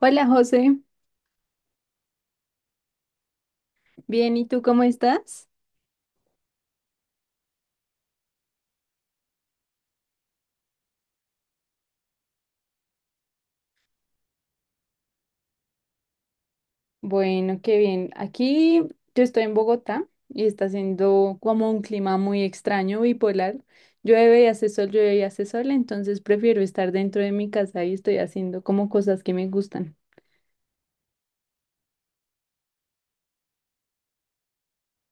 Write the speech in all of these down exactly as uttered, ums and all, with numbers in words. Hola José, bien, ¿y tú cómo estás? Bueno, qué bien. Aquí yo estoy en Bogotá y está haciendo como un clima muy extraño, bipolar. Llueve y hace sol, llueve y hace sol, entonces prefiero estar dentro de mi casa y estoy haciendo como cosas que me gustan.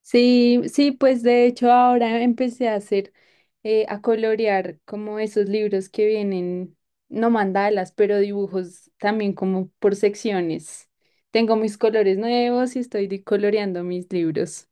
Sí, sí, pues de hecho ahora empecé a hacer, eh, a colorear como esos libros que vienen, no mandalas, pero dibujos también como por secciones. Tengo mis colores nuevos y estoy di- coloreando mis libros.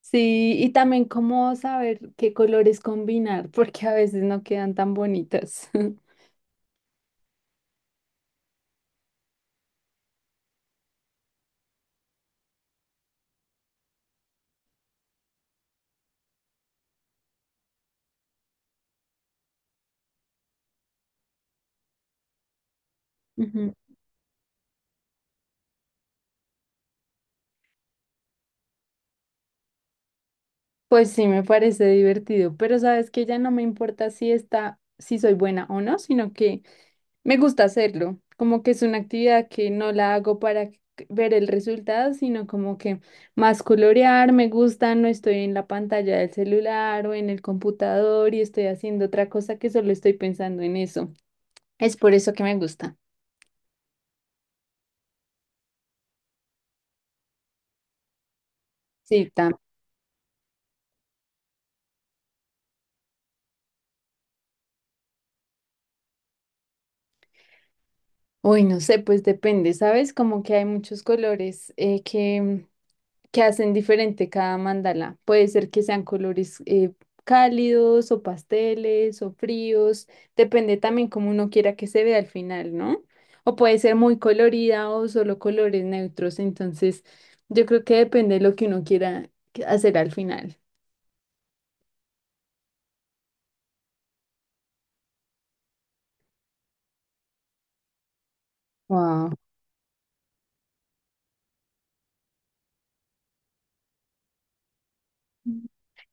Sí, y también cómo saber qué colores combinar, porque a veces no quedan tan bonitas. Ujú. Pues sí, me parece divertido, pero sabes que ya no me importa si está, si soy buena o no, sino que me gusta hacerlo, como que es una actividad que no la hago para c- ver el resultado, sino como que más colorear, me gusta, no estoy en la pantalla del celular o en el computador y estoy haciendo otra cosa que solo estoy pensando en eso. Es por eso que me gusta. Sí, tam- Uy, no sé, pues depende, ¿sabes? Como que hay muchos colores eh, que que hacen diferente cada mandala. Puede ser que sean colores eh, cálidos o pasteles o fríos, depende también como uno quiera que se vea al final, ¿no? O puede ser muy colorida o solo colores neutros, entonces yo creo que depende de lo que uno quiera que- hacer al final. Wow.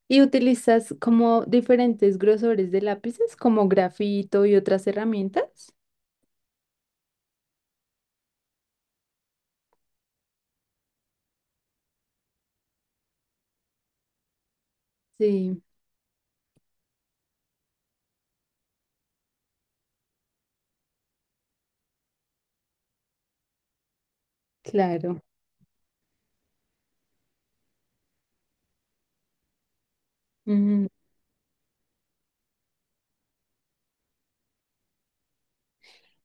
Y utilizas como diferentes grosores de lápices, como grafito y otras herramientas. Sí, claro.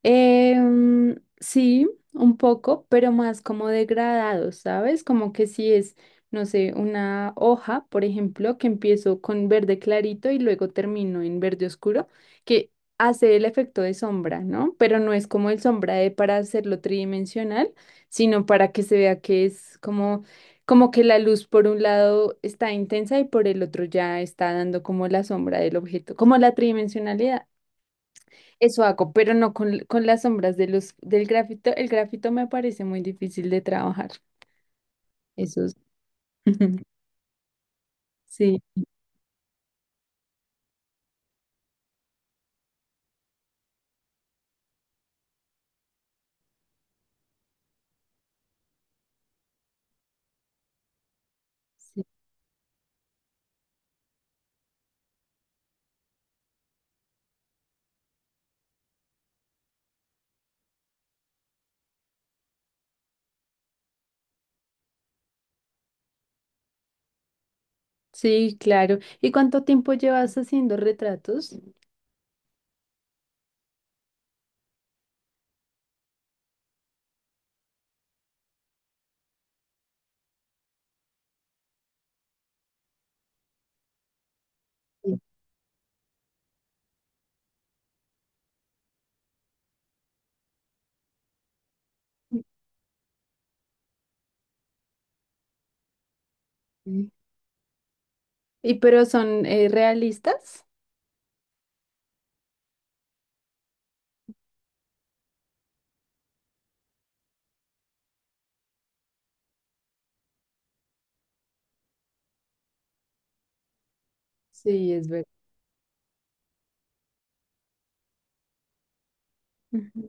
Em, sí, un poco, pero más como degradado, ¿sabes? Como que si es, no sé, una hoja, por ejemplo, que empiezo con verde clarito y luego termino en verde oscuro, que hace el efecto de sombra, ¿no? Pero no es como el sombra de para hacerlo tridimensional, sino para que se vea que es como, como que la luz por un lado está intensa y por el otro ya está dando como la sombra del objeto, como la tridimensionalidad. Eso hago, pero no con, con las sombras de los, del grafito. El grafito me parece muy difícil de trabajar. Eso es- Sí, sí, sí, claro. ¿Y cuánto tiempo llevas haciendo retratos? Sí. Ujú. ¿Y pero son eh, realistas? Sí, es verdad. Ujú.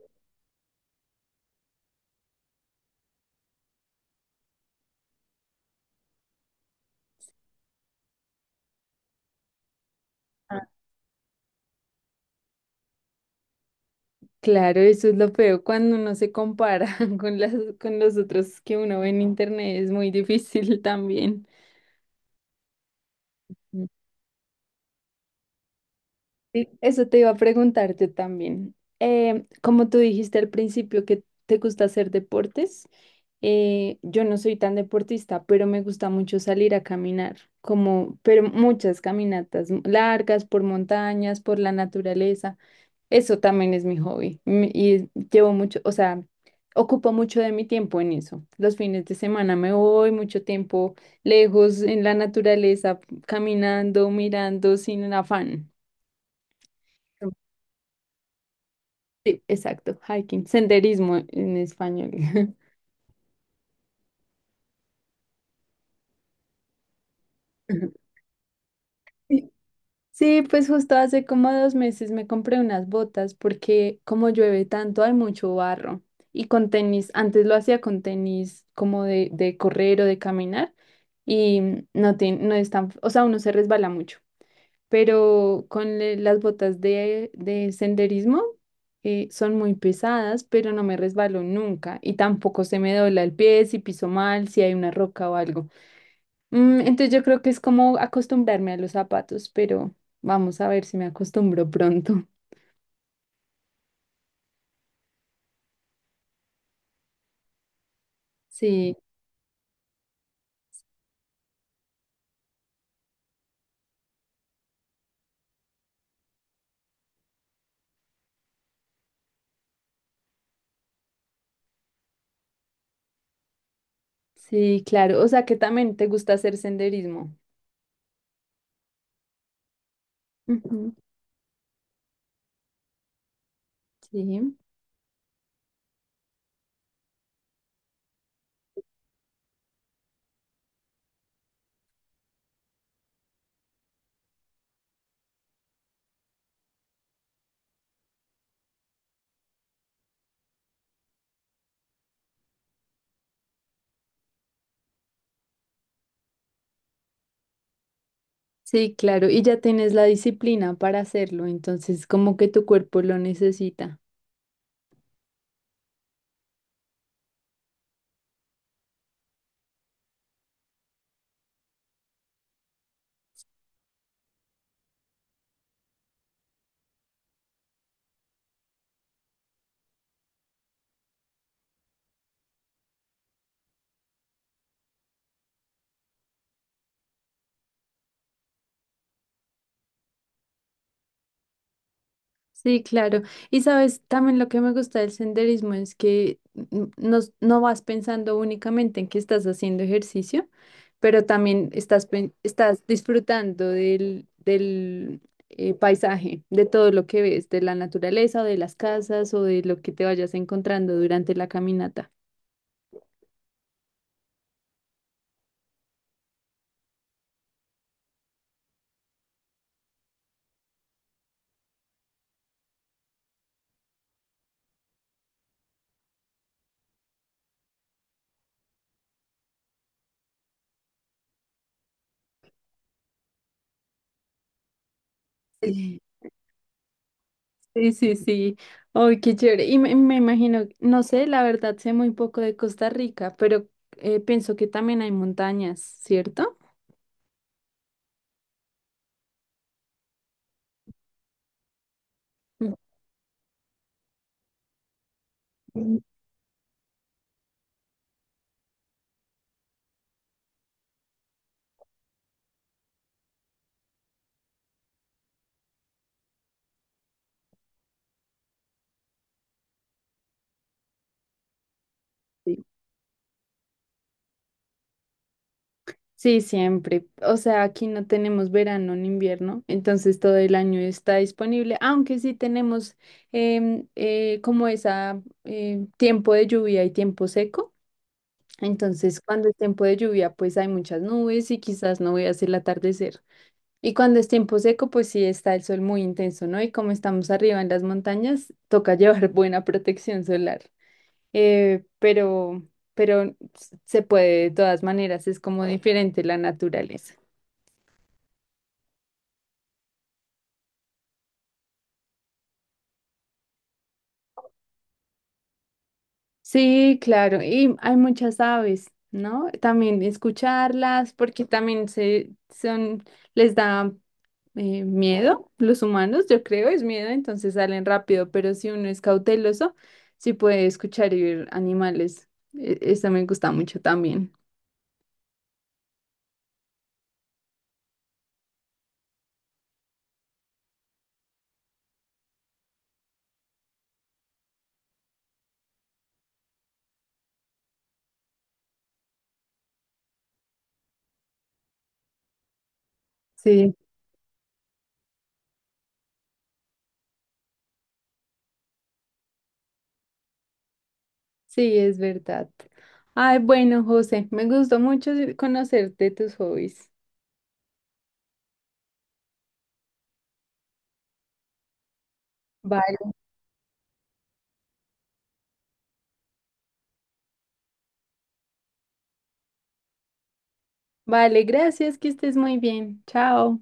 Ah, claro, eso es lo feo cuando uno se compara con las, con los otros que uno ve en internet, es muy difícil también. Sí, eso te iba a preguntar yo también. Eh, como tú dijiste al principio que te gusta hacer deportes, eh, yo no soy tan deportista, pero me gusta mucho salir a caminar, como, pero muchas caminatas m- largas por montañas, por la naturaleza. Eso también es mi hobby, mm, y llevo mucho, o sea, ocupo mucho de mi tiempo en eso. Los fines de semana me voy mucho tiempo lejos en la naturaleza, caminando, mirando sin afán. Sí, exacto, hiking, senderismo en español. Sí, sí, pues justo hace como dos meses me compré unas botas porque como llueve tanto hay mucho barro y con tenis, antes lo hacía con tenis como de, de correr o de caminar y mm, no, te, no es tan, o sea, uno se resbala mucho, pero con le- las botas de, de senderismo, eh, son muy pesadas, pero no me resbalo nunca y tampoco se me dobla el pie si piso mal, si hay una roca o algo. Mm, entonces yo creo que es como acostumbrarme a los zapatos, pero vamos a ver si me acostumbro pronto. Sí, sí, claro. O sea que también te gusta hacer senderismo. Ujú. Sí, sí, claro. Y ya tienes la disciplina para hacerlo, entonces como que tu cuerpo lo necesita. Sí, claro. Y sabes, también lo que me gusta del senderismo es que mm, no, no vas pensando únicamente en que estás haciendo ejercicio, pero también estás, pen- estás disfrutando del, del eh, paisaje, de todo lo que ves, de la naturaleza o de las casas o de lo que te vayas encontrando durante la caminata. Sí, sí, sí. Sí. Ay, qué chévere. Y me, me imagino, no sé, la verdad sé muy poco de Costa Rica, pero eh, pienso que también hay montañas, ¿cierto? Ujú. Sí, sí, siempre. O sea, aquí no tenemos verano ni invierno, entonces todo el año está disponible, aunque sí tenemos em, eh, como esa em, tiempo de lluvia y tiempo seco. Entonces, cuando es tiempo de lluvia, pues hay muchas nubes y quizás no veas el atardecer. Y cuando es tiempo seco, pues sí está el sol muy intenso, ¿no? Y como estamos arriba en las montañas, toca llevar buena protección solar. eh, pero, pero se puede de todas maneras, es como diferente la naturaleza. Sí, claro, y hay muchas aves, ¿no? También escucharlas, porque también se son, les da eh, miedo, los humanos, yo creo, es miedo, entonces salen rápido, pero si uno es cauteloso, sí puede escuchar y ver animales. E- Eso me gusta mucho también. Sí. Sí, es verdad. Ay, bueno, José, me gustó mucho conocerte tus hobbies. Vale, vale, gracias, que estés muy bien. Chao.